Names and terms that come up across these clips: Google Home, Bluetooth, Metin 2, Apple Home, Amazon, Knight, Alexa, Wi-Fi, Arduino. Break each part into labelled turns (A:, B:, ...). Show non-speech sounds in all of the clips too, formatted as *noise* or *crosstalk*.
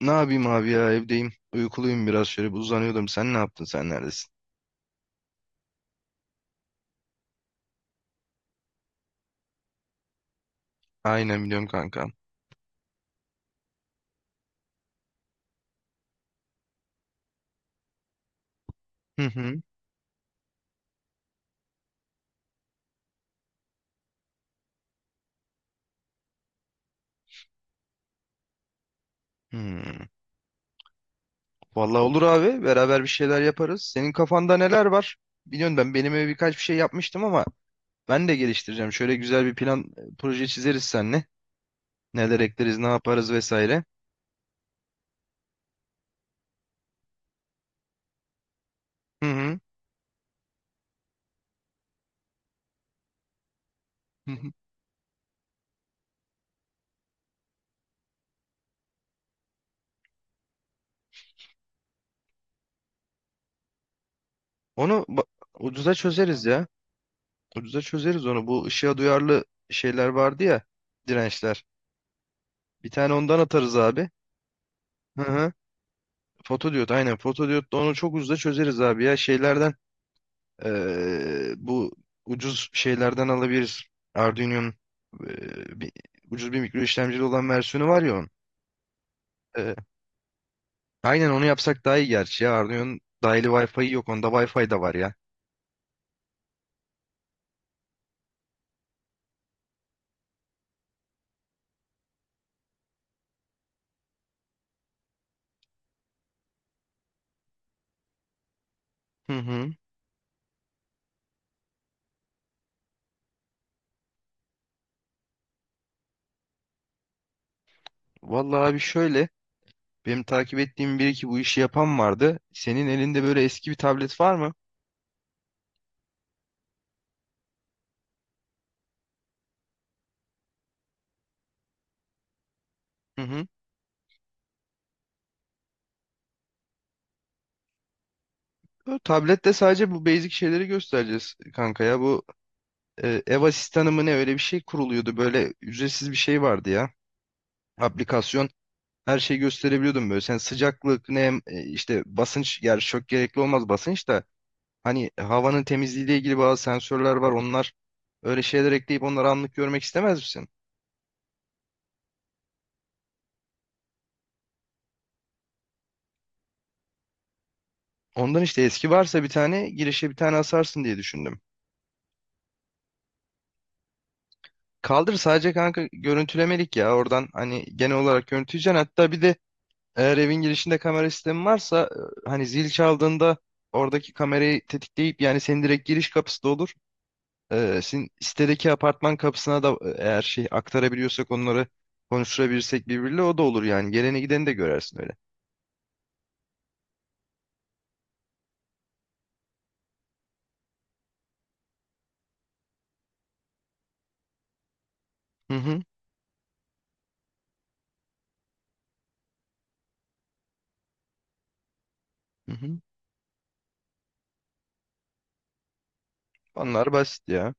A: Ne yapayım abi ya evdeyim. Uykuluyum biraz şöyle bir uzanıyordum. Sen ne yaptın sen neredesin? Aynen biliyorum kankam. Hı hı. Hmm. Vallahi olur abi beraber bir şeyler yaparız. Senin kafanda neler var? Biliyorum ben benim eve birkaç bir şey yapmıştım ama ben de geliştireceğim. Şöyle güzel bir plan proje çizeriz seninle. Neler ekleriz ne yaparız vesaire. Hı hı. Hı hı. Onu ba- Ucuza çözeriz ya. Ucuza çözeriz onu. Bu ışığa duyarlı şeyler vardı ya, dirençler. Bir tane ondan atarız abi. Hı hı. Fotodiyot, aynen, fotodiyotla onu çok ucuza çözeriz abi ya. Şeylerden bu ucuz şeylerden alabiliriz. Arduino'nun eee, bir- ucuz bir mikro işlemcili olan versiyonu var ya onun. Eee, aynen onu yapsak daha iyi gerçi ya, Arduino'nun dahili Wi-Fi'yi yok, onda Wi-Fi de var ya. Hı hı. Vallahi abi şöyle, benim takip ettiğim bir iki bu işi yapan vardı. Senin elinde böyle eski bir tablet var mı? Hı hı. Bu tablette sadece bu basic şeyleri göstereceğiz kanka ya. Bu ev asistanı mı ne, öyle bir şey kuruluyordu. Böyle ücretsiz bir şey vardı ya. Aplikasyon. Her şeyi gösterebiliyordum böyle. Sen sıcaklık, nem, işte basınç. Yani çok gerekli olmaz basınç da. Hani havanın temizliğiyle ilgili bazı sensörler var. Onlar, öyle şeyler ekleyip onları anlık görmek istemez misin? Ondan işte, eski varsa bir tane girişe, bir tane asarsın diye düşündüm. Kaldır, sadece kanka görüntülemelik ya. Oradan hani genel olarak görüntüleyeceksin. Hatta bir de eğer evin girişinde kamera sistemi varsa, hani zil çaldığında oradaki kamerayı tetikleyip, yani senin direkt giriş kapısı da olur. Senin sitedeki apartman kapısına da, eğer şey aktarabiliyorsak onları, konuşturabilirsek birbiriyle, o da olur yani. Geleni gideni de görersin öyle. Hı hı. Hı hı. Onlar basit ya.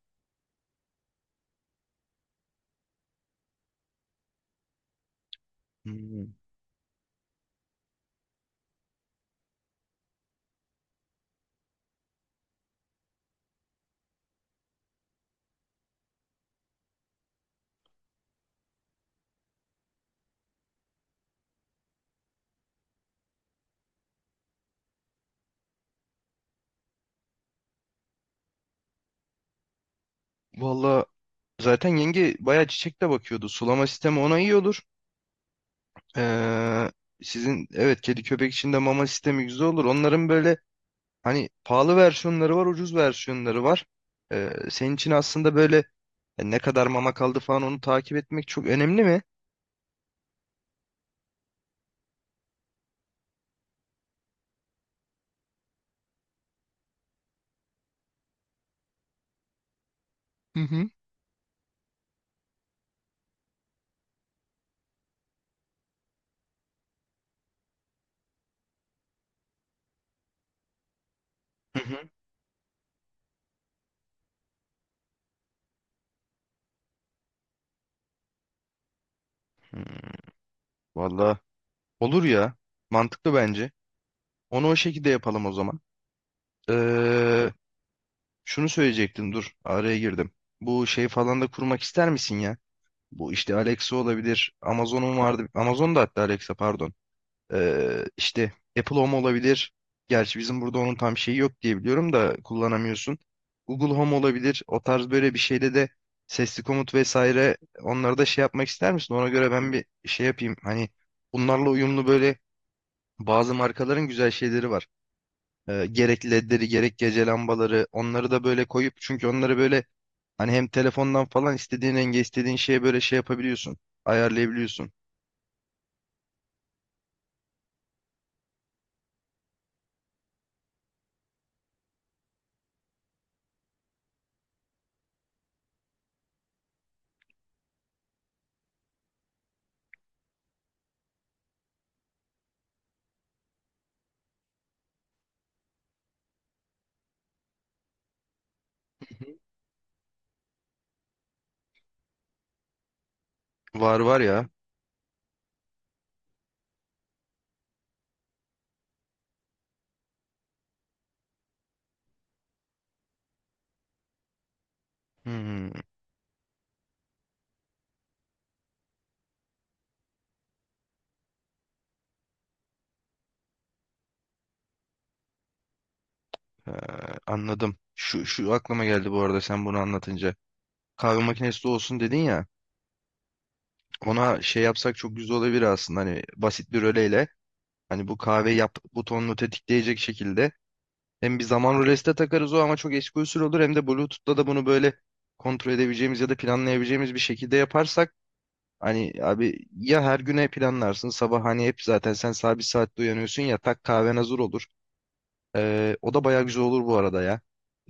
A: Hı. Valla zaten yenge bayağı çiçek de bakıyordu. Sulama sistemi ona iyi olur. Ee, sizin evet kedi köpek için de mama sistemi güzel olur. Onların böyle hani pahalı versiyonları var, ucuz versiyonları var. Senin için aslında böyle, ne kadar mama kaldı falan, onu takip etmek çok önemli mi? Hı hı. Hı hı. Hmm. Valla olur ya. Mantıklı bence. Onu o şekilde yapalım o zaman. Ee, şunu söyleyecektim, dur araya girdim. Bu şey falan da kurmak ister misin ya? Bu işte Alexa olabilir. Amazon'un vardı. Amazon'da hatta, Alexa pardon. İşte Apple Home olabilir. Gerçi bizim burada onun tam şeyi yok diye biliyorum, da kullanamıyorsun. Google Home olabilir. O tarz böyle bir şeyde de sesli komut vesaire, onları da şey yapmak ister misin? Ona göre ben bir şey yapayım. Hani bunlarla uyumlu böyle bazı markaların güzel şeyleri var. Gerek ledleri gerek gece lambaları, onları da böyle koyup, çünkü onları böyle hani hem telefondan falan istediğin renge istediğin şeye böyle şey yapabiliyorsun. Ayarlayabiliyorsun. Var var ya. Hmm. Ee, anladım. Şu aklıma geldi bu arada sen bunu anlatınca. Kahve makinesi de olsun dedin ya. Ona şey yapsak çok güzel olabilir aslında. Hani basit bir röleyle. Hani bu kahve yap butonunu tetikleyecek şekilde. Hem bir zaman rölesi de takarız o, ama çok eski usul olur. Hem de Bluetooth'ta da bunu böyle kontrol edebileceğimiz ya da planlayabileceğimiz bir şekilde yaparsak. Hani abi ya her güne planlarsın. Sabah hani hep zaten sen sabit saatte uyanıyorsun ya, tak kahven hazır olur. O da bayağı güzel olur bu arada ya.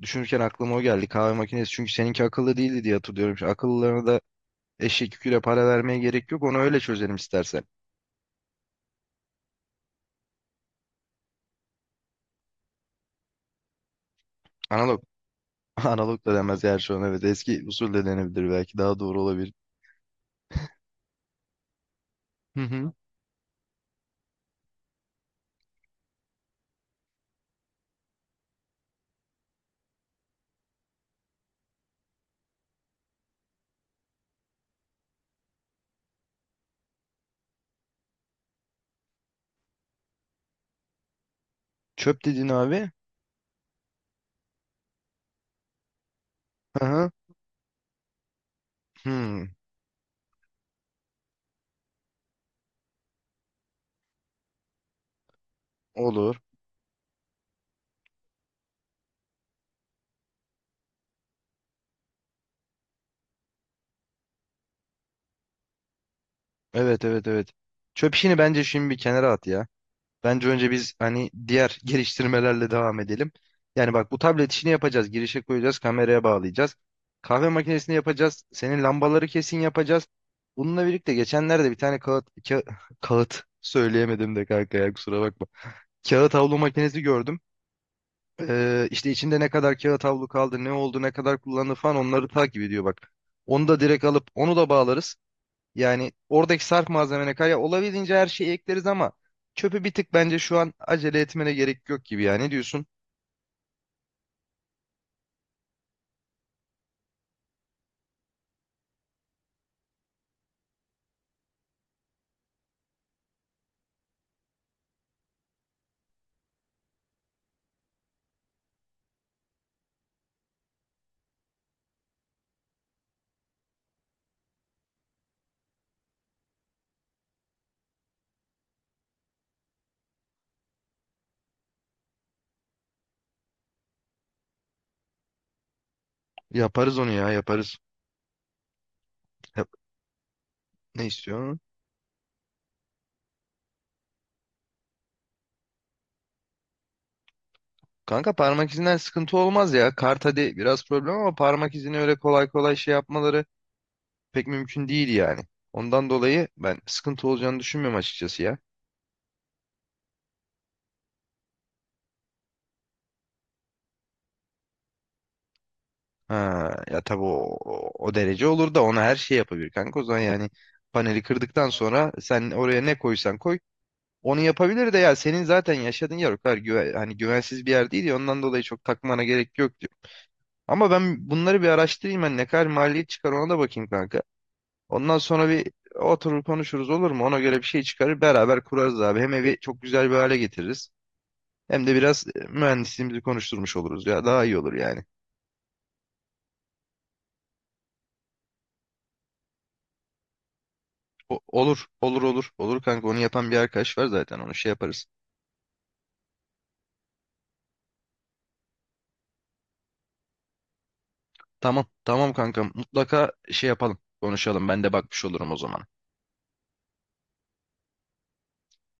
A: Düşünürken aklıma o geldi, kahve makinesi. Çünkü seninki akıllı değildi diye hatırlıyorum. Şu akıllılarına da eşek yüküyle para vermeye gerek yok. Onu öyle çözelim istersen. Analog. *laughs* Analog da denmez yani şu an, evet. Eski usul de denebilir belki. Daha doğru olabilir. Hı hı. Çöp dedin abi. Hı hı. Hmm. Olur. Evet evet evet. Çöp işini bence şimdi bir kenara at ya. Bence önce biz hani diğer *laughs* geliştirmelerle devam edelim. Yani bak, bu tablet işini yapacağız. Girişe koyacağız, kameraya bağlayacağız. Kahve makinesini yapacağız. Senin lambaları kesin yapacağız. Bununla birlikte geçenlerde bir tane *laughs* kağıt söyleyemedim de kanka ya, kusura bakma. Kağıt havlu makinesi gördüm. İşte içinde ne kadar kağıt havlu kaldı, ne oldu, ne kadar kullandı falan, onları takip ediyor bak. Onu da direkt alıp onu da bağlarız. Yani oradaki sarf malzemene kaya olabildiğince her şeyi ekleriz, ama çöpü bir tık bence şu an acele etmene gerek yok gibi ya. Ne diyorsun? Yaparız onu ya, yaparız. Yap- Ne istiyor? Kanka parmak izinden sıkıntı olmaz ya. Kart hadi biraz problem, ama parmak izini öyle kolay kolay şey yapmaları pek mümkün değil yani. Ondan dolayı ben sıkıntı olacağını düşünmüyorum açıkçası ya. Ha, ya tabii, o derece olur da, ona her şey yapabilir kanka. O zaman yani paneli kırdıktan sonra sen oraya ne koysan koy. Onu yapabilir de ya, senin zaten yaşadığın yer o kadar güven, hani güvensiz bir yer değil ya, ondan dolayı çok takmana gerek yok diyor. Ama ben bunları bir araştırayım, ben ne kadar maliyet çıkar ona da bakayım kanka. Ondan sonra bir oturur konuşuruz, olur mu? Ona göre bir şey çıkarır beraber kurarız abi. Hem evi çok güzel bir hale getiririz. Hem de biraz mühendisliğimizi konuşturmuş oluruz ya, daha iyi olur yani. Olur olur olur olur kanka, onu yapan bir arkadaş var zaten, onu şey yaparız. Tamam tamam kanka, mutlaka şey yapalım konuşalım, ben de bakmış olurum o zaman.